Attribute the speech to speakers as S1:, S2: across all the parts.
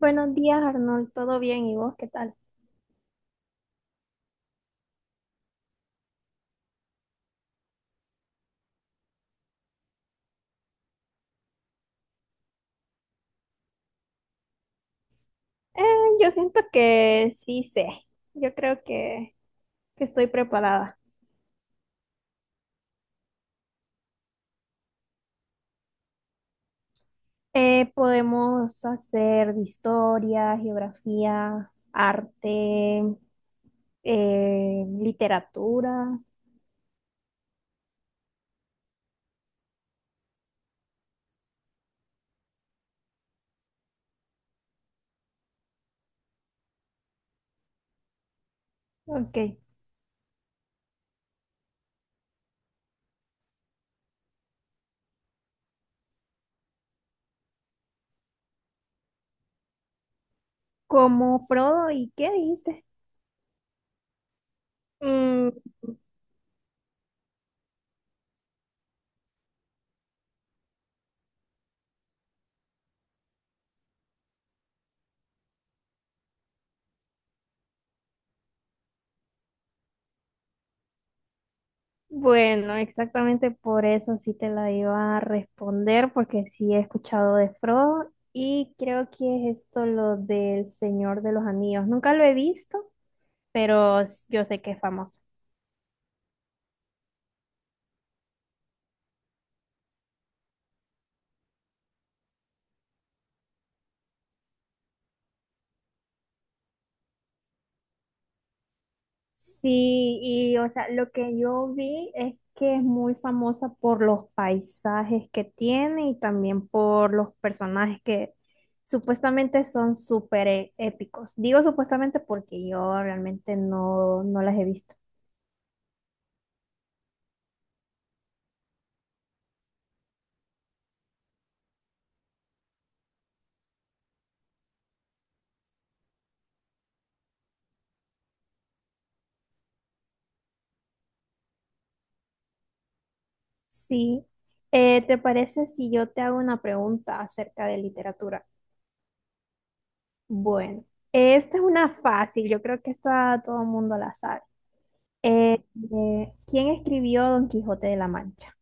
S1: Buenos días, Arnold. ¿Todo bien? ¿Y vos qué tal? Eh, yo siento que sí sé. Yo creo que estoy preparada. Podemos hacer de historia, geografía, arte, literatura. Ok. ¿Como Frodo y qué dijiste? Mm, bueno, exactamente por eso sí te la iba a responder, porque sí he escuchado de Frodo y creo que es esto lo del Señor de los Anillos. Nunca lo he visto, pero s- yo sé que es famoso. Sí, y o sea, lo que yo vi es que es muy famosa por los paisajes que tiene y también por los personajes que supuestamente son súper e- épicos. Digo supuestamente porque yo realmente no las he visto. Sí. ¿Te parece si yo te hago una pregunta acerca de literatura? Bueno, esta es una fácil, yo creo que esta todo el mundo la sabe. Eh, ¿Quién escribió Don Quijote de la Mancha?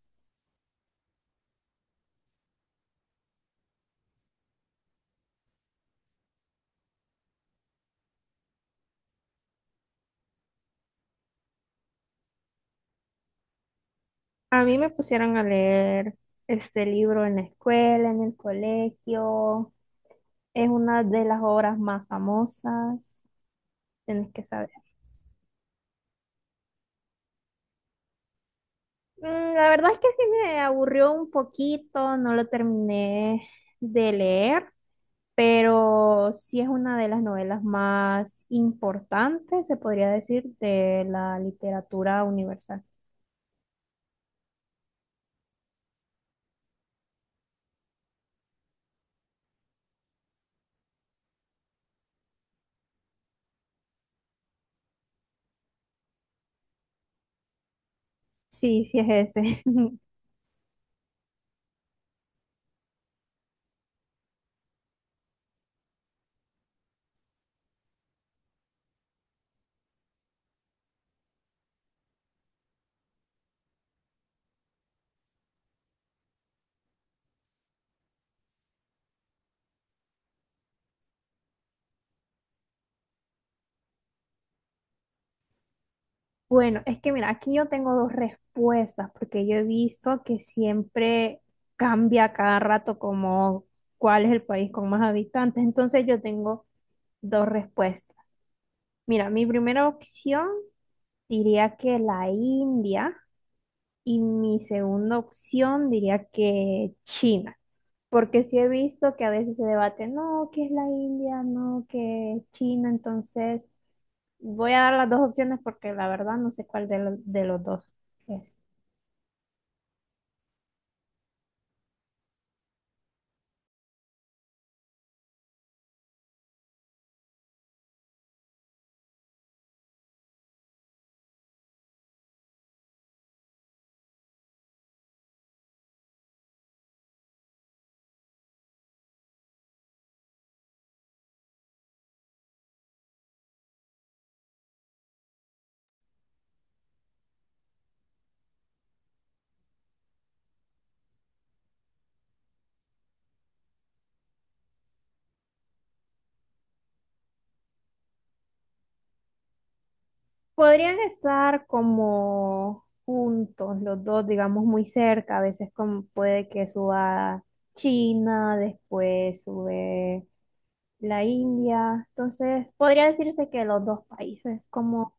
S1: A mí me pusieron a leer este libro en la escuela, en el colegio. Es una de las obras más famosas, tienes que saber. Mm, la verdad es que sí me aburrió un poquito, no lo terminé de leer, pero sí es una de las novelas más importantes, se podría decir, de la literatura universal. Sí, sí es ese. Bueno, es que mira, aquí yo tengo dos respuestas, porque yo he visto que siempre cambia a cada rato como cuál es el país con más habitantes, entonces yo tengo dos respuestas. Mira, mi primera opción diría que la India y mi segunda opción diría que China, porque sí he visto que a veces se debate, no, que es la India, no, que es China, entonces voy a dar las dos opciones porque la verdad no sé cuál de, lo- de los dos es. Podrían estar como juntos los dos, digamos muy cerca, a veces como puede que suba China, después sube la India. Entonces, podría decirse que los dos países, como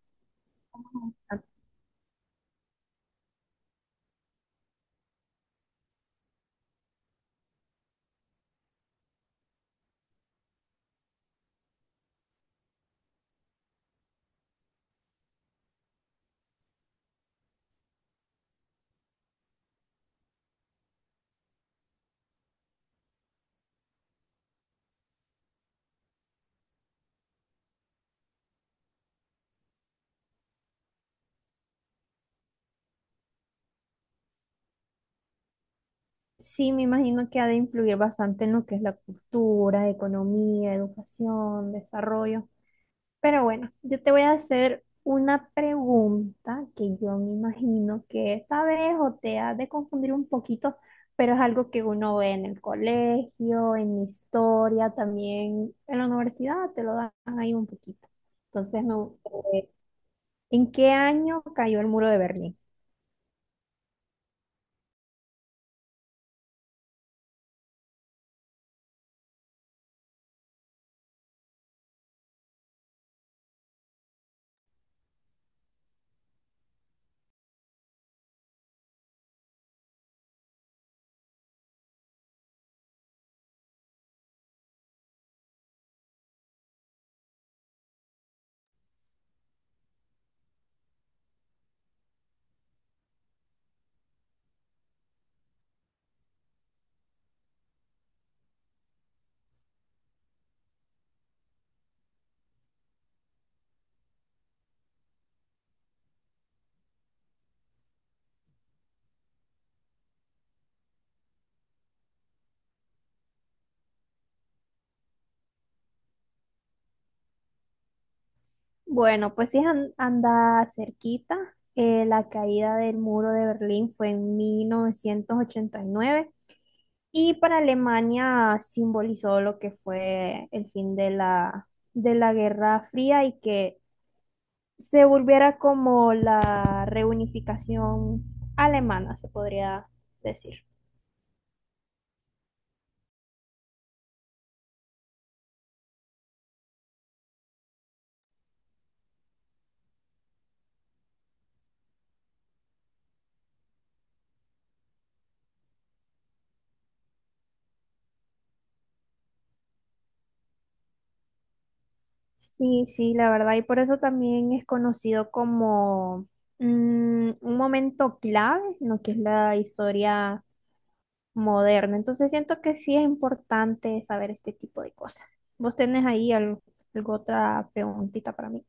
S1: sí, me imagino que ha de influir bastante en lo que es la cultura, economía, educación, desarrollo. Pero bueno, yo te voy a hacer una pregunta que yo me imagino que sabes o te has de confundir un poquito, pero es algo que uno ve en el colegio, en historia, también en la universidad, te lo dan ahí un poquito. Entonces, ¿en qué año cayó el muro de Berlín? Bueno, pues si es an- anda cerquita, la caída del muro de Berlín fue en 1989 y para Alemania simbolizó lo que fue el fin de de la Guerra Fría y que se volviera como la reunificación alemana, se podría decir. Sí, sí, la verdad, y por eso también es conocido como mm, un momento clave en lo que es la historia moderna. Entonces siento que sí es importante saber este tipo de cosas. ¿Vos tenés ahí alguna otra preguntita para mí?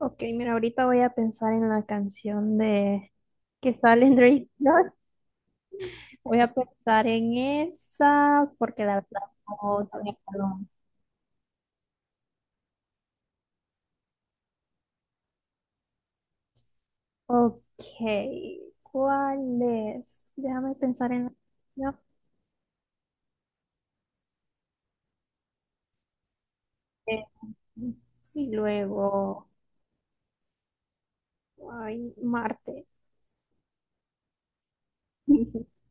S1: Ok, mira, ahorita voy a pensar en la canción de que sale en Drake Lord. Voy a pensar en esa porque la verdad no me acuerdo. Ok, ¿cuál es? Déjame pensar en la opción. Y luego, ay, Marte.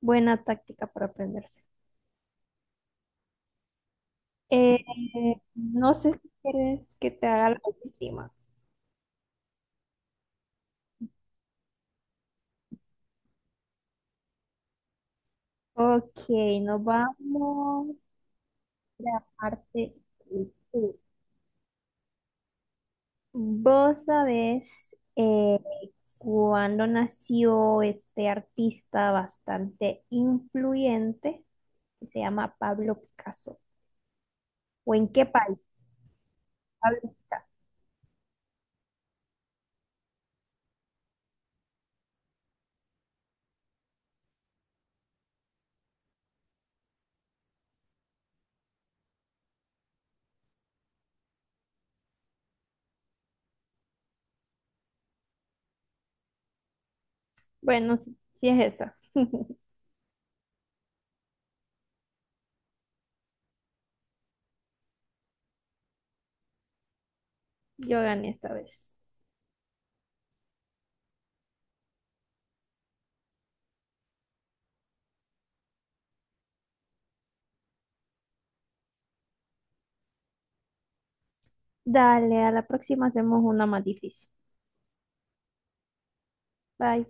S1: Buena táctica para aprenderse. Eh, no sé si quieres que te haga la última. Ok, nos vamos a la parte última. Vos sabés cuándo nació este artista bastante influyente que se llama Pablo Picasso. ¿O en qué país? Pablo Picasso. Bueno, sí, sí es esa. Yo gané esta vez. Dale, a la próxima hacemos una más difícil. Bye.